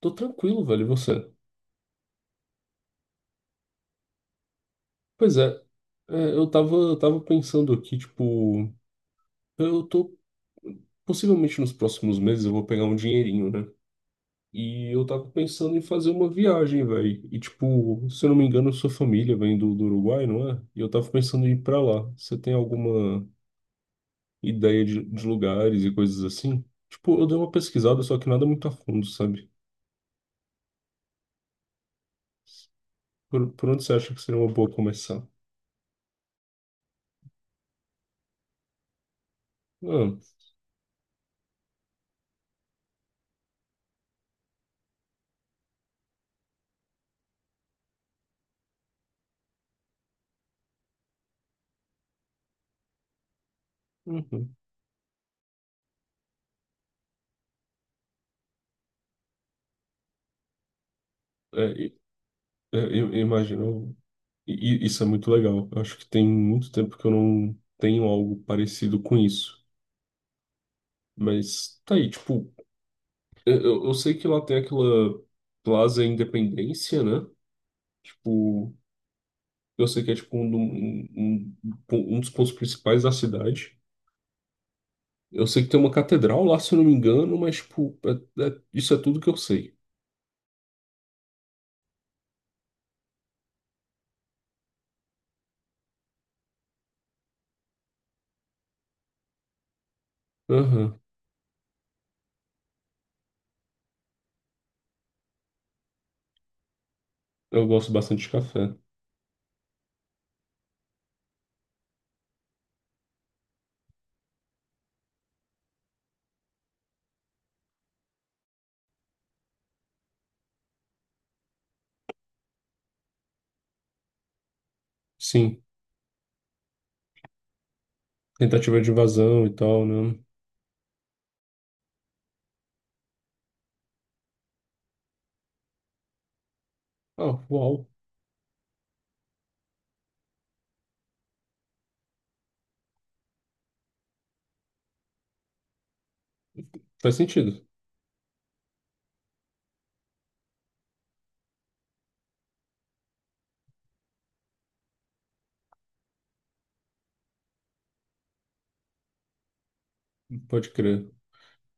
Tô tranquilo, velho, e você? Pois é, eu tava pensando aqui, tipo, eu tô, possivelmente nos próximos meses eu vou pegar um dinheirinho, né? E eu tava pensando em fazer uma viagem, velho. E, tipo, se eu não me engano, sua família vem do Uruguai, não é? E eu tava pensando em ir pra lá. Você tem alguma ideia de lugares e coisas assim? Tipo, eu dei uma pesquisada, só que nada muito a fundo, sabe? Por onde você acha que seria uma boa começar? Ah, uhum. É, eu imagino. E isso é muito legal. Eu acho que tem muito tempo que eu não tenho algo parecido com isso. Mas tá aí, tipo, eu sei que lá tem aquela Plaza Independência, né? Tipo, eu sei que é tipo um dos pontos principais da cidade. Eu sei que tem uma catedral lá, se eu não me engano, mas tipo, isso é tudo que eu sei. Aham. Eu gosto bastante de café. Sim, tentativa de invasão e tal, né? Ah, uau, faz sentido. Pode crer.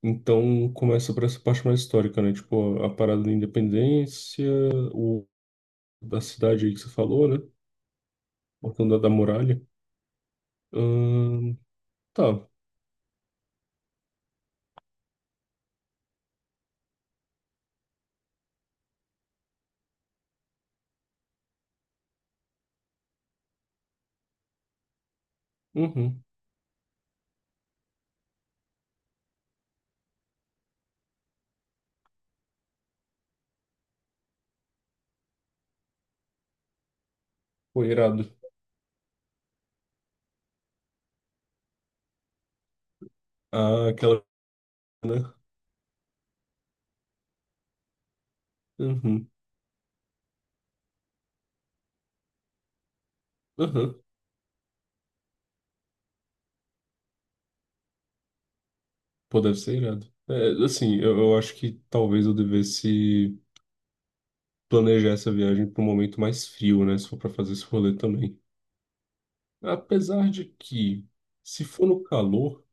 Então começa por essa parte mais histórica, né? Tipo, a parada da independência, o da cidade aí que você falou, né? Voltando a da muralha. Ahn, tá. Uhum. Foi irado. Ah, aquela, né? Uhum. Uhum. Pô, deve ser irado. É, assim, eu acho que talvez eu devesse planejar essa viagem para um momento mais frio, né? Se for para fazer esse rolê também. Apesar de que, se for no calor,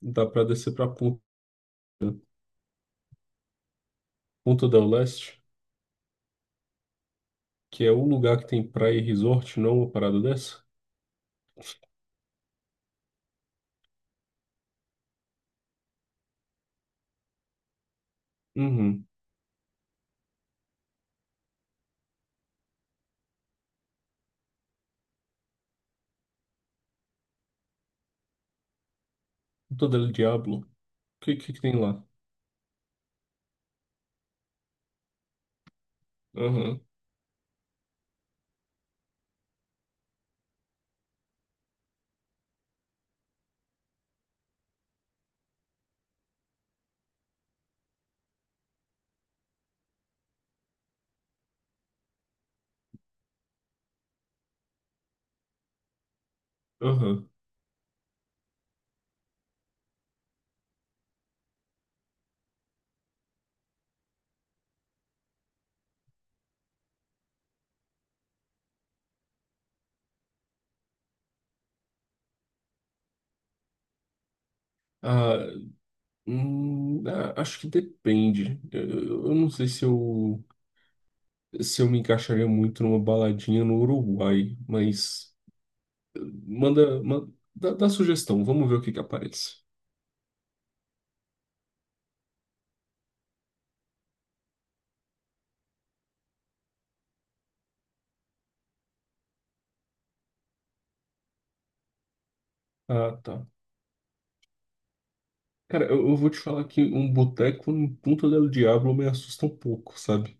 dá para descer para Ponta del Leste, que é um lugar que tem praia e resort, não uma parada dessa? Uhum. Ponta del Diablo. O que tem lá? Aham, aham. Ah, acho que depende. Eu não sei se eu, se eu me encaixaria muito numa baladinha no Uruguai, mas eh, manda dá sugestão, vamos ver o que que aparece. Ah, tá. Cara, eu vou te falar que um boteco em Punta del Diablo me assusta um pouco, sabe?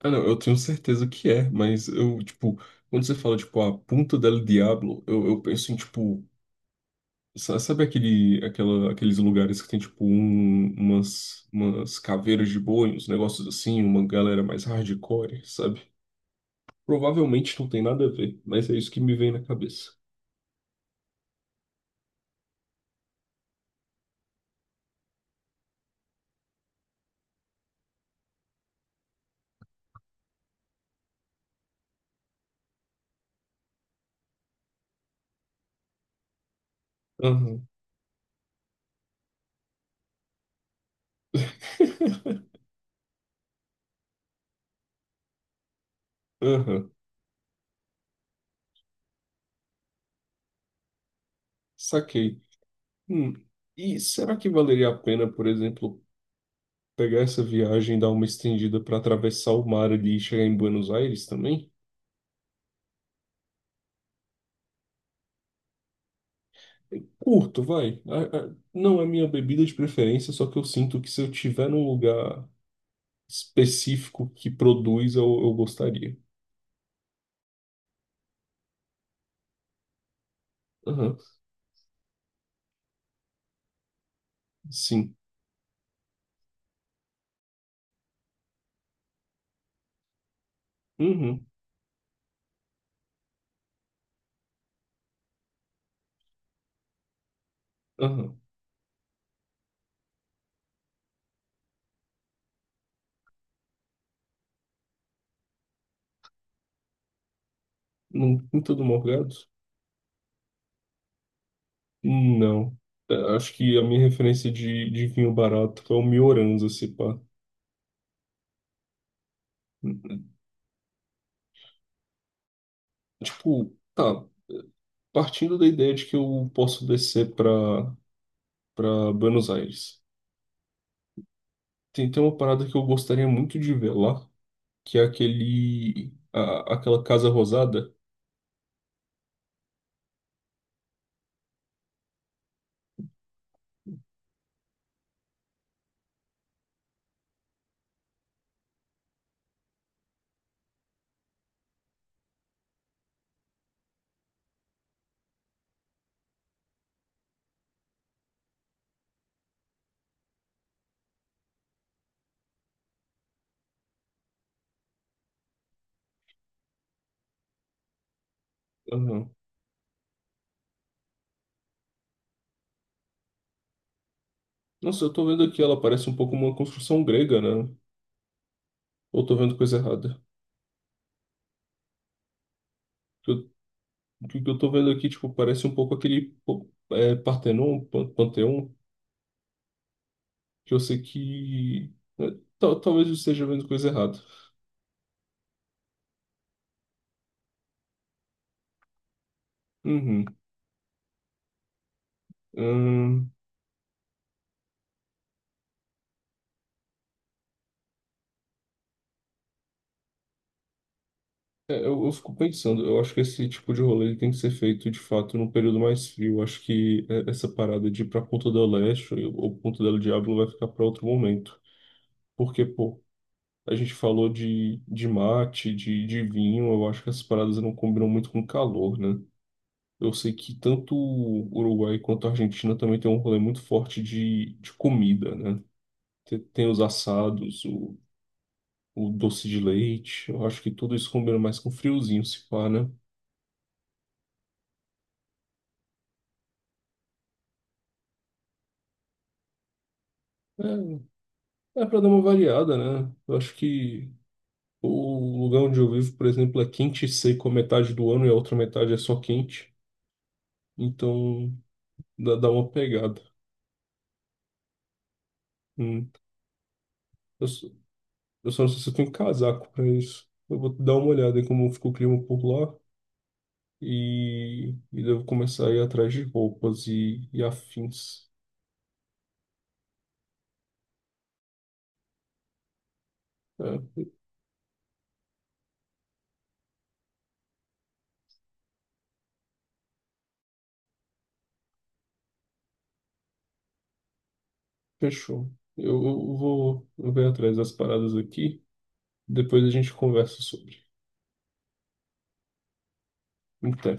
Ah, não, eu tenho certeza que é, mas eu, tipo, quando você fala, tipo, a Punta del Diablo, eu penso em, tipo, sabe aqueles lugares que tem, tipo, umas caveiras de boi, uns negócios assim, uma galera mais hardcore, sabe? Provavelmente não tem nada a ver, mas é isso que me vem na cabeça. Aham. Aham, saquei. Hum, E será que valeria a pena, por exemplo, pegar essa viagem, dar uma estendida para atravessar o mar ali e chegar em Buenos Aires também? Curto, vai. Não é minha bebida de preferência, só que eu sinto que se eu tiver num lugar específico que produz, eu gostaria. Aham, sim. Uhum, aham. Não Quinta do Morgado? Não. É, acho que a minha referência de vinho barato é o Mioranza, se pá. Tipo, tá, partindo da ideia de que eu posso descer para Buenos Aires. Tem uma parada que eu gostaria muito de ver lá, que é aquela Casa Rosada. Aham. Nossa, eu tô vendo aqui, ela parece um pouco uma construção grega, né? Ou eu tô vendo coisa errada? O que eu, o que eu tô vendo aqui, tipo, parece um pouco aquele pô, é, Panteon, que eu sei que... É, talvez eu esteja vendo coisa errada. Uhum. Ahn, é, eu fico pensando, eu acho que esse tipo de rolê tem que ser feito de fato num período mais frio. Eu acho que é, essa parada de ir pra Ponta del Este ou Ponta del Diablo vai ficar para outro momento. Porque, pô, a gente falou de mate, de vinho, eu acho que essas paradas não combinam muito com calor, né? Eu sei que tanto o Uruguai quanto a Argentina também tem um rolê muito forte de comida, né? Tem os assados, o doce de leite, eu acho que tudo isso combina mais com friozinho, se pá, né? É, É para dar uma variada, né? Eu acho que o lugar onde eu vivo, por exemplo, é quente e seco a metade do ano e a outra metade é só quente. Então dá uma pegada. Hum. Eu, só- eu só não sei se eu tenho casaco para isso. Eu vou dar uma olhada em como ficou o clima por lá e devo começar a ir atrás de roupas e afins. É, fechou. Eu vou ver atrás das paradas aqui. Depois a gente conversa sobre. Até.